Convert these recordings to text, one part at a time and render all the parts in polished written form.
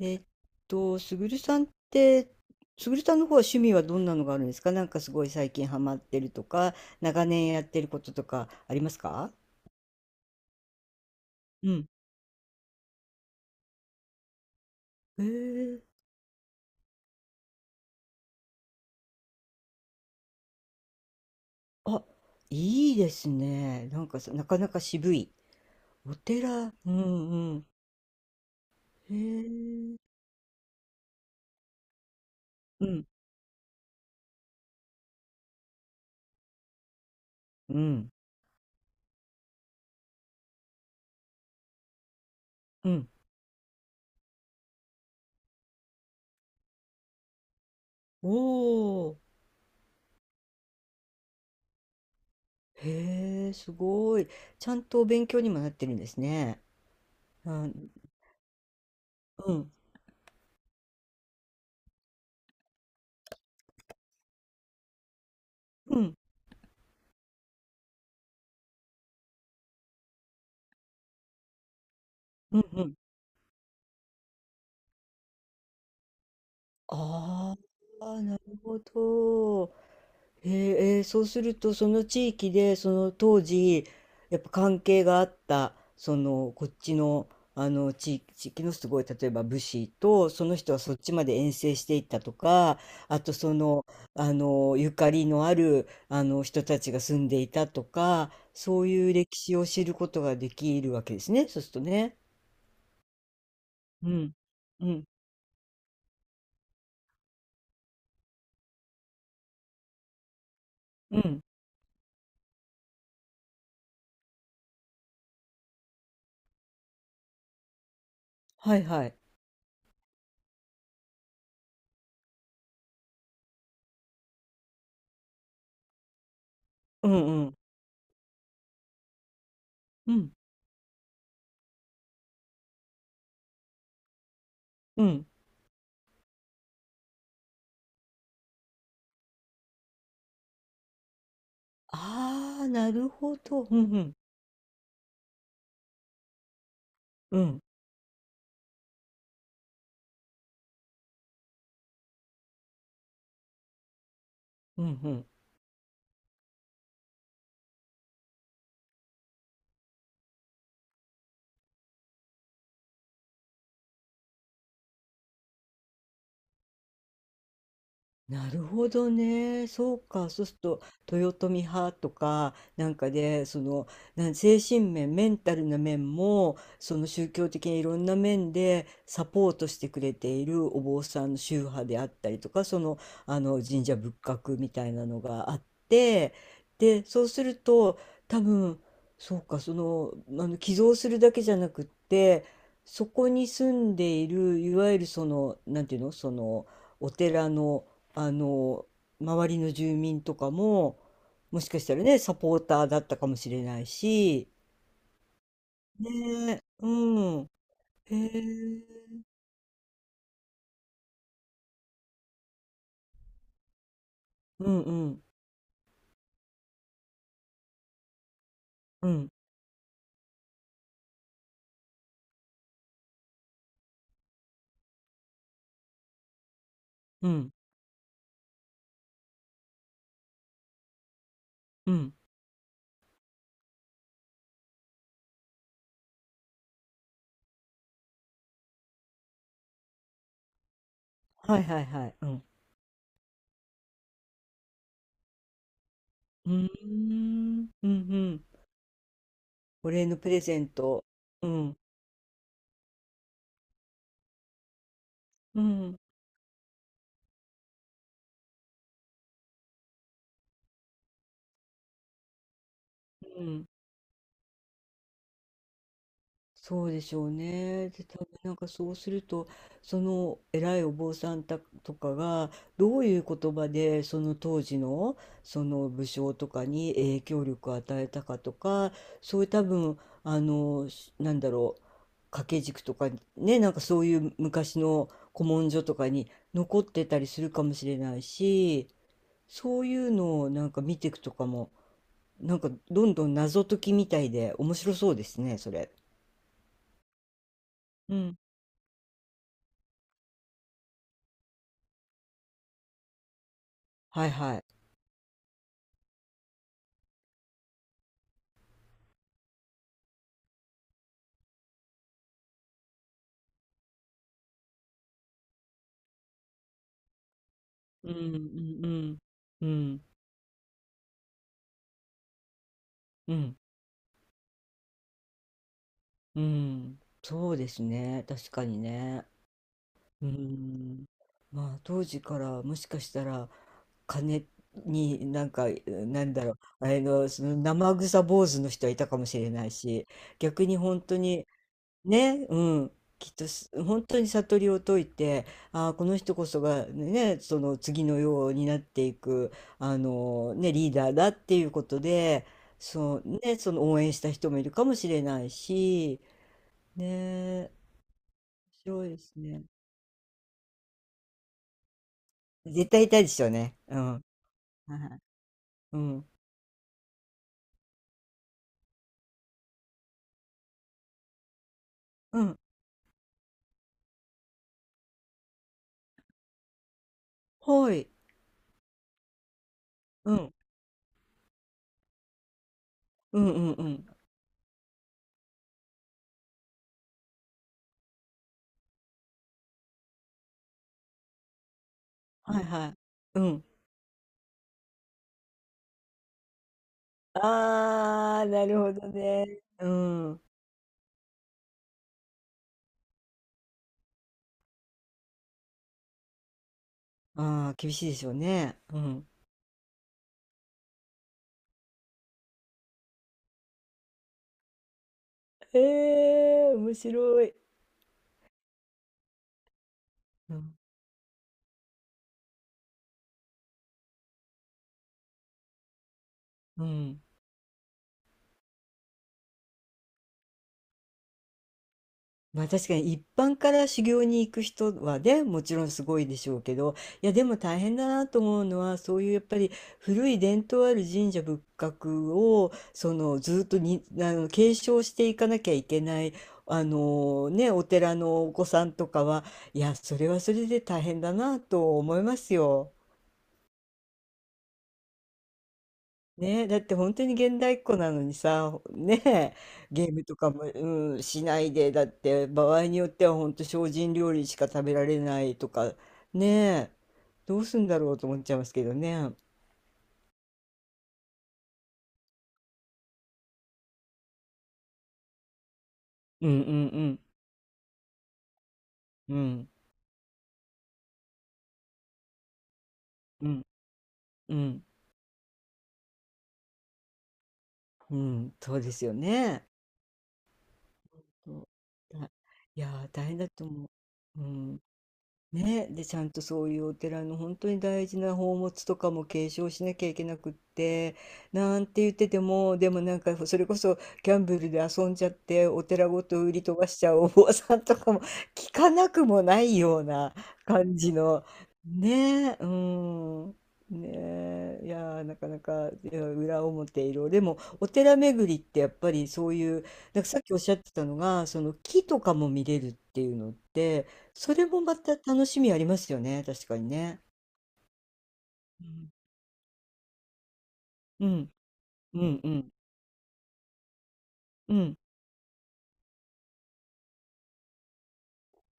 えっすぐるさんって、すぐるさんの方は趣味はどんなのがあるんですか？なんかすごい最近ハマってるとか、長年やってることとかありますか？うん。へえ。あ、いいですね。なんかさ、なかなか渋い。お寺。うんうん。へえ。うんうんうん。おお。へえ、すごい。ちゃんとお勉強にもなってるんですね。あ、うんうんうんうん。ああ、なるほど。えーそうすると、その地域で、その当時、やっぱ関係があった、その、こっちの、あの、地域のすごい、例えば武士と、その人はそっちまで遠征していったとか、あとその、あの、ゆかりのある、あの、人たちが住んでいたとか、そういう歴史を知ることができるわけですね、そうするとね。うん。うん。うん。はいはい。うんうん。うん。うん。ああ、なるほど。うんうん。うん。うんうん。なるほどね。そうか。そうすると、豊臣派とか、なんかで、その、精神面、メンタルな面も、その宗教的にいろんな面でサポートしてくれているお坊さんの宗派であったりとか、その、あの、神社仏閣みたいなのがあって、で、そうすると、多分、そうか、その、あの、寄贈するだけじゃなくって、そこに住んでいる、いわゆるその、なんていうの、その、お寺の、あの周りの住民とかももしかしたらねサポーターだったかもしれないし。ねえ。うん。へえ。うんうんうんうん。うん。はいはいはい。うん。うーん。うんうん。お礼のプレゼント。うんうんうん。そうでしょうね。で、多分なんかそうすると、その偉いお坊さんたとかが、どういう言葉で、その当時の、その武将とかに影響力を与えたかとか、そういう多分、あの、なんだろう、掛け軸とか、ね、なんかそういう昔の古文書とかに残ってたりするかもしれないし、そういうのをなんか見ていくとかも、なんかどんどん謎解きみたいで面白そうですね、それ。うん。はいはい。うんうんうんうんうんうん。そうですね、確かにね。うん。まあ当時からもしかしたら金になんかなんだろう、あれのその生臭坊主の人はいたかもしれないし、逆に本当にね、うん、きっと本当に悟りを解いて、ああ、この人こそがね、その次のようになっていく、あのね、リーダーだっていうことで、そうね、その応援した人もいるかもしれないし、ね、面白いですね。絶対いたいでしょうね。うん。はい。うん。うん。はい。うん。うんうんうん。はいはい。うん。ああ、なるほどね。うん。ああ、厳しいでしょうね。うん。へえ、面白い。うん。うん。まあ確かに一般から修行に行く人はね、もちろんすごいでしょうけど、いやでも大変だなと思うのは、そういうやっぱり古い伝統ある神社仏閣を、そのずっとに、あの、継承していかなきゃいけない、あのね、お寺のお子さんとかは、いや、それはそれで大変だなと思いますよ。ねえ、だって本当に現代っ子なのにさ、ねえ、ゲームとかも、うん、しないで、だって場合によっては本当精進料理しか食べられないとか、ねえ、どうすんだろうと思っちゃいますけどね。うんうんうん。うんうんうん。うん、そうですよね。そうだ。いやー、大変だと思う。うん。ね、で、ちゃんとそういうお寺の本当に大事な宝物とかも継承しなきゃいけなくって、なんて言ってても、でもなんかそれこそギャンブルで遊んじゃってお寺ごと売り飛ばしちゃうお坊さんとかも聞かなくもないような感じの、ねえ、うん。ねえ、いやーなかなか、いや裏表色でもお寺巡りってやっぱりそういうなんかさっきおっしゃってたのがその木とかも見れるっていうのって、それもまた楽しみありますよね、確かにね。うん、うん、うん、うん、うん、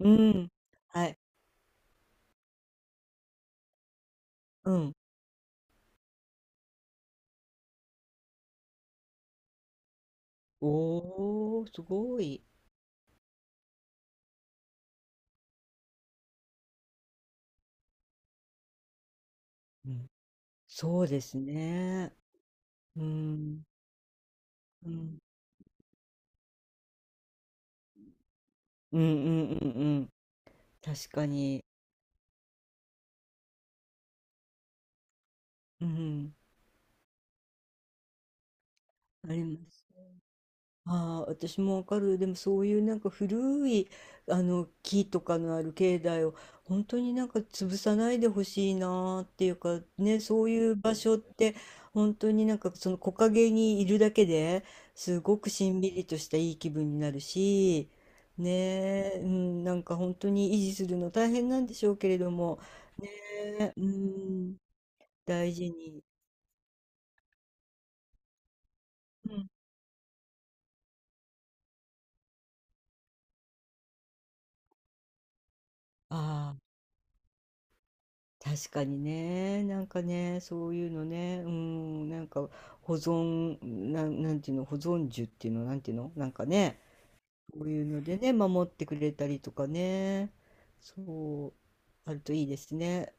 うん。はい、うん。おー、すごい。うん、そうですね。うん、うん、うん、うん、うん、うん。確かに。うん、あります。ああ、私もわかる。でもそういうなんか古いあの木とかのある境内を本当になんか潰さないでほしいなーっていうかね、そういう場所って本当になんかその木陰にいるだけですごくしんみりとしたいい気分になるし、ねえ、うん、なんか本当に維持するの大変なんでしょうけれども、ねえ、うん、大事に。うん。ああ。確かにね、なんかね、そういうのね、うん、なんか保存、なんていうの、保存樹っていうの、なんていうの、なんかね、こういうのでね、守ってくれたりとかね、そう、あるといいですね。